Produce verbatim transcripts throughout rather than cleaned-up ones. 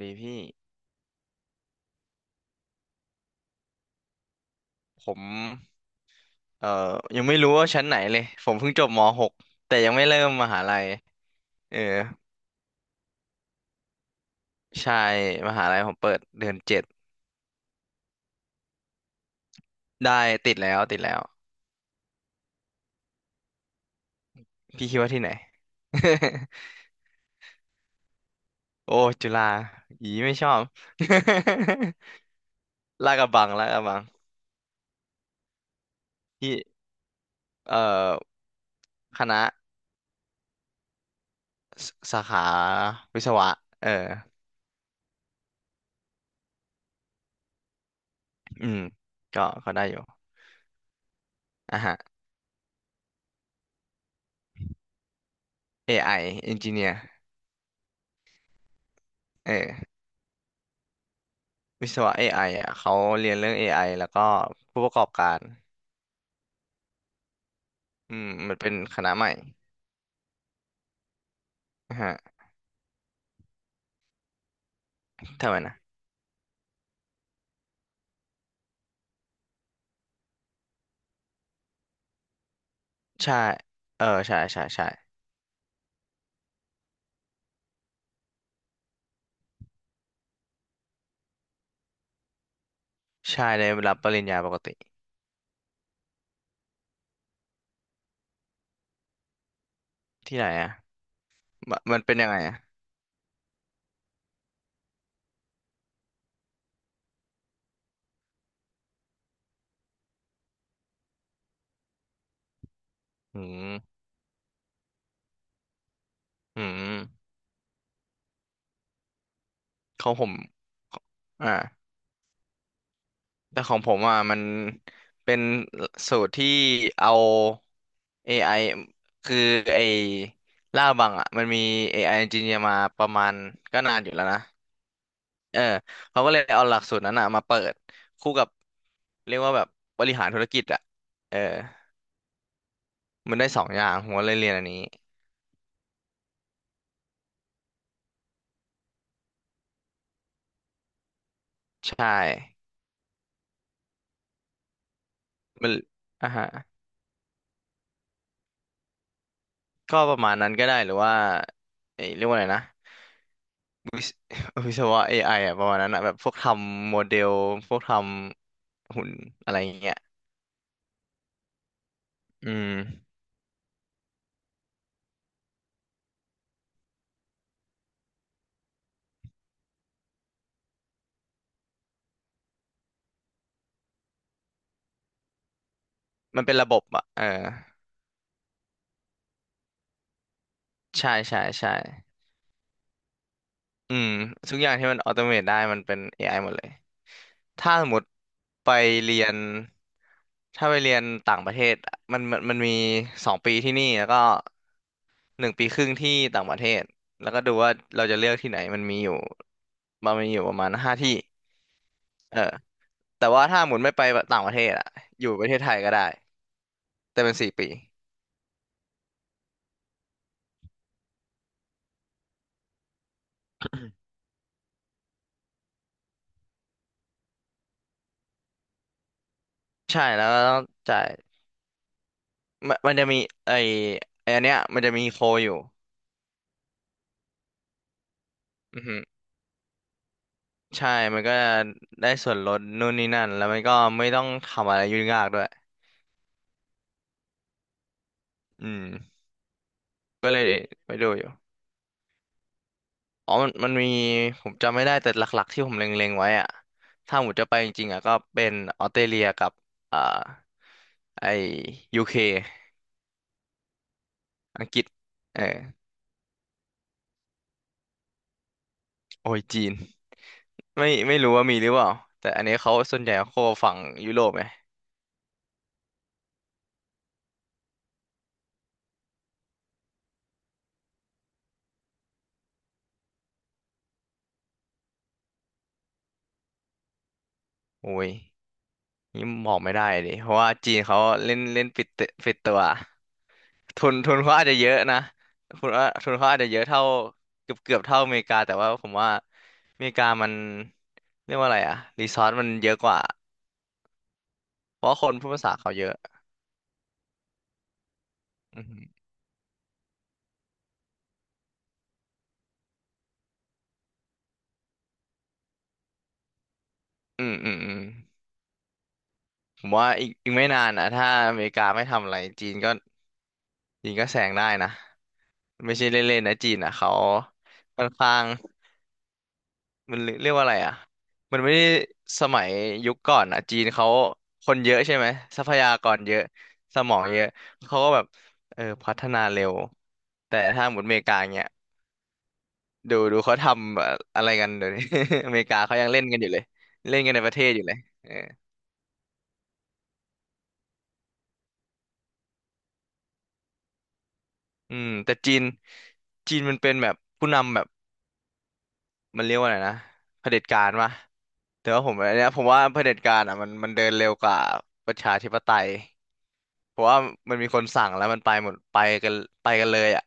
ดีพี่ผมเอ่อยังไม่รู้ว่าชั้นไหนเลยผมเพิ่งจบม .หก แต่ยังไม่เริ่มมหาลัยเออใช่มหาลัยผมเปิดเดือนเจ็ดได้ติดแล้วติดแล้วพี่คิดว่าที่ไหน โอ้จุฬาอีไม่ชอบ ลาดกระบังลาดกระบังที่เอ่อคณะสสาขาวิศวะเอออืมก็ก็ได้อยู่อ่ะฮะ เอ ไอ Engineer เออ วิศวะ เอ ไอ อไออ่ะเขาเรียนเรื่อง เอ ไอ แล้วก็ผู้ประกอบการอืมมันเป็นคณะใหม่นะฮะทำไมนะใช่เออใช่ใช่ใช่ใช่ได้รับปริญญาปกติที่ไหนอ่ะมมันเป็นยังไงอ่ะอืมอืมของผมอ่าแต่ของผมอ่ะมันเป็นสูตรที่เอา เอ ไอ คือไอ้ล่าบังอ่ะมันมี เอ ไอ engineer มาประมาณก็นานอยู่แล้วนะ เออเขาก็เลยเอาหลักสูตรนั้นอ่ะมาเปิดคู่กับเรียกว่าแบบบริหารธุรกิจอ่ะเออมันได้สองอย่างผมก็เลยเรียนอันนี้ใช่มันอ่ะฮะก็ประมาณนั้นก็ได้หรือว่าเอ้ยเรียกว่าอะไรนะ วิศวะ เอ ไอ อไออ่ะประมาณนั้นอ่ะแบบพวกทำโมเดลพวกทำหุ่นอะไรอย่างเงี้ยอืมมันเป็นระบบอ่ะเออใช่ใช่ใช่ อืมทุกอย่างที่มันออโตเมตได้มันเป็น เอ ไอ หมดเลยถ้าสมมติไปเรียนถ้าไปเรียนต่างประเทศอะมันมันมันมีสองปีที่นี่แล้วก็หนึ่งปีครึ่งที่ต่างประเทศแล้วก็ดูว่าเราจะเลือกที่ไหนมันมีอยู่มันมีอยู่ประมาณห้าที่เออแต่ว่าถ้าหมุนไม่ไปต่างประเทศอะอยู่ประเทศไทยก็ได้แต่เป็นสี่ปีใช่แล้วก็ต้องจ่ายมันมันจะมีไอไออันเนี้ยมันจะมีโคอยู่อือฮึ ใช่มันก็ได้ส่วนลดนู่นนี่นั่นแล้วมันก็ไม่ต้องทำอะไรยุ่งยากด้วยอืมก็เลยไปดูอยู่อ๋อมันมันมีผมจำไม่ได้แต่หลักๆที่ผมเล็งๆไว้อะถ้าผมจะไปจริงๆอะก็เป็นออสเตรเลียกับ อ่าไอยูเคอังกฤษเออโอ้ยจีนไม่ไม่รู้ว่ามีหรือเปล่า แต่อันนี้เขาส่วนใหญ่เขาโคฝั่งยุโรปไงโอ้ยนี่บอกไม่ได้เลยเพราะว่าจีนเขาเล่นเล่นปิดเตปิดตัว ทุนทุนเขาอาจจะเยอะนะทุนว่าทุนเขาอาจจะเยอะเท่าเกือบเกือบเท่าอเมริกาแต่ว่าผมว่าอเมริกามันเรียกว่าอะไรอะรีซอสมันเยอะกว่าเพราะคนพูดภาษาเขาเยอะอืมอืมอืมอืมผมว่าอีกอีกไม่นานนะถ้าอเมริกาไม่ทำอะไรจีนก็จีนก็แซงได้นะไม่ใช่เล่นๆนะจีนอ่ะเขาค่อนข้าง มันเรีเรียกว่าอะไรอ่ะมันไม่ได้สมัยยุคก่อนอ่ะจีนเขาคนเยอะใช่ไหมทรัพยากรเยอะสมองเยอะเขาก็แบบเออพัฒนาเร็วแต่ถ้าหมดอเมริกาเงี้ยดูดูเขาทำแบบอะไรกันเดี๋ยวนี้ อเมริกาเขายังเล่นกันอยู่เลยเล่นกันในประเทศอยู่เลยเอออืมแต่จีนจีนมันเป็นแบบผู้นำแบบมันเรียกว่าอะไรนะเผด็จการวะแต่ว่าผมอันเนี้ยผมว่าเผด็จการอ่ะมันมันเดินเร็วกว่าประชาธิปไตย เพราะว่ามันมีคนสั่งแล้วมันไปหมดไปกันไปกันเลยอ่ะ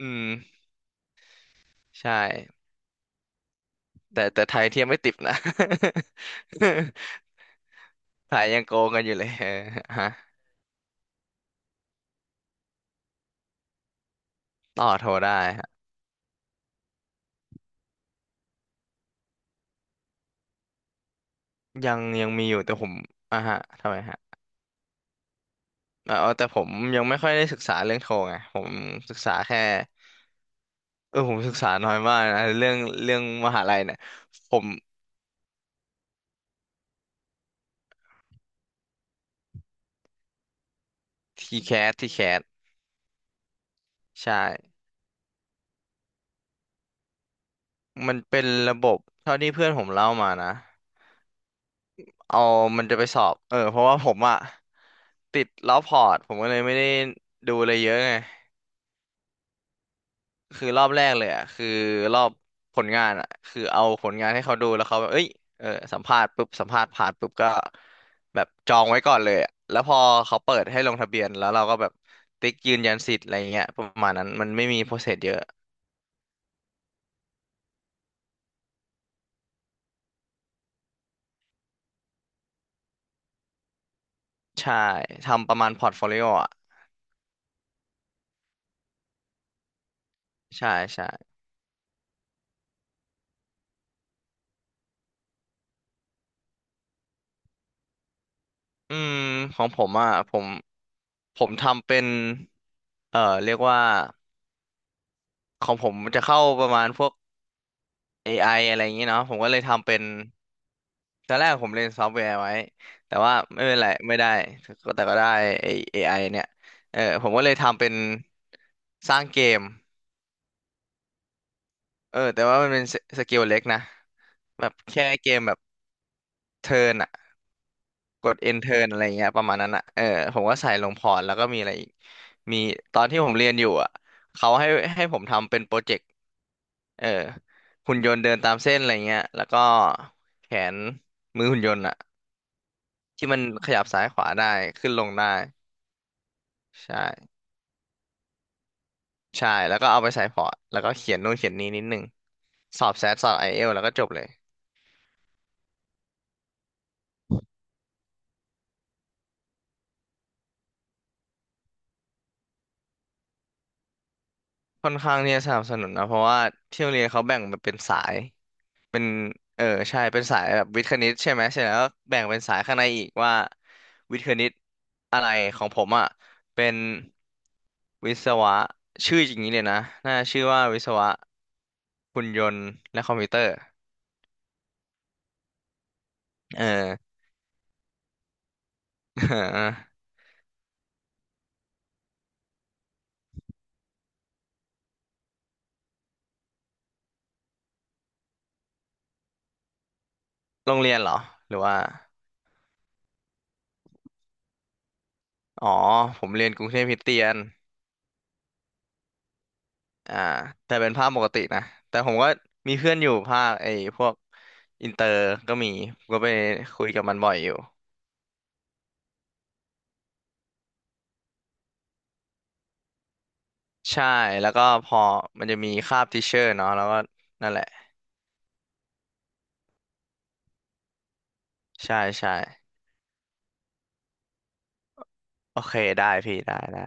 อืมใช่แต่แต่ไทยเทียมไม่ติดนะ ไทยยังโกงกันอยู่เลยเออฮะต่อโทรได้ฮะยังยังมีอยู่แต่ผมอ่ะฮะทำไมฮะเออแต่ผมยังไม่ค่อยได้ศึกษาเรื่องโทรไงผมศึกษาแค่เออผมศึกษาน้อยมากนะเรื่องเรื่องมหาลัยเนี่ยผมทีแคสทีแคสใช่มันเป็นระบบเท่าที่เพื่อนผมเล่ามานะ เอามันจะไปสอบเออเพราะว่าผมอะติดรอบพอร์ตผมก็เลยไม่ได้ดูอะไรเยอะไงคือรอบแรกเลยอะคือรอบผลงานอะคือเอาผลงานให้เขาดูแล้วเขาแบบเอ้ยเออสัมภาษณ์ปุ๊บสัมภาษณ์ผ่านปุ๊บก็แบบจองไว้ก่อนเลยอะแล้วพอเขาเปิดให้ลงทะเบียนแล้วเราก็แบบติ๊กยืนยันสิทธิ์อะไรเงี้ยประมาณนั้นมันไม่มีโปรเซสเยอะใช่ทำประมาณพอร์ตโฟลิโออะใช่ใช่อืมของผมอะผมผมทำเป็นเอ่อเรียกว่า ของผมมันจะเข้าประมาณพวก เอ ไอ อไออะไรอย่างนี้เนาะผมก็เลยทำเป็นตอนแรกผมเรียนซอฟต์แวร์ไว้แต่ว่าไม่เป็นไรไม่ได้ก็แต่ก็ได้ไอ้ เอ ไอ เนี่ยเออผมก็เลยทำเป็นสร้างเกมเออแต่ว่ามันเป็นสสเกลเล็กนะแบบแค่เกมแบบเทิร์นอะกด end turn อะไรอย่างเงี้ยประมาณนั้นอะเออผมก็ใส่ลงพอร์ตแล้วก็มีอะไรอีกมีตอนที่ผมเรียนอยู่อะเขาให้ให้ผมทำเป็นโปรเจกต์ เออหุ่นยนต์เดินตามเส้นอะไรเงี้ยแล้วก็แขนมือหุ่นยนต์อะที่มันขยับซ้ายขวาได้ขึ้นลงได้ใช่ใช่แล้วก็เอาไปใส่พอร์ตแล้วก็เขียนนู่นเขียนนี้นิดนึงสอบแซดสอบไอเอลแล้วก็จบเลยค่อนข้างที่จะสนับสนุนนะเพราะว่าที่โรงเรียนเขาแบ่งมันเป็นสายเป็นเออใช่เป็นสายแบบวิทย์คณิตใช่ไหมเสร็จแล้วก็แบ่งเป็นสายข้างในอีกว่าวิทย์คณิตอะไรของผมอ่ะเป็นวิศวะชื่ออย่างนี้เลยนะน่าชื่อว่าวิศวะ หุ่นยนต์และคอมพิวเตอร์เออ โรงเรียนเหรอหรือว่าอ๋อผมเรียนกรุงเทพคริสเตียนอ่าแต่เป็นภาคปกตินะแต่ผมก็มีเพื่อนอยู่ภาคไอ้พวกอินเตอร์ก็มีผมก็ไปคุยกับมันบ่อยอยู่ใช่แล้วก็พอมันจะมีคาบทิเชอร์เนาะแล้วก็นั่นแหละใช่ใช่โอเคได้พี่ได้ได้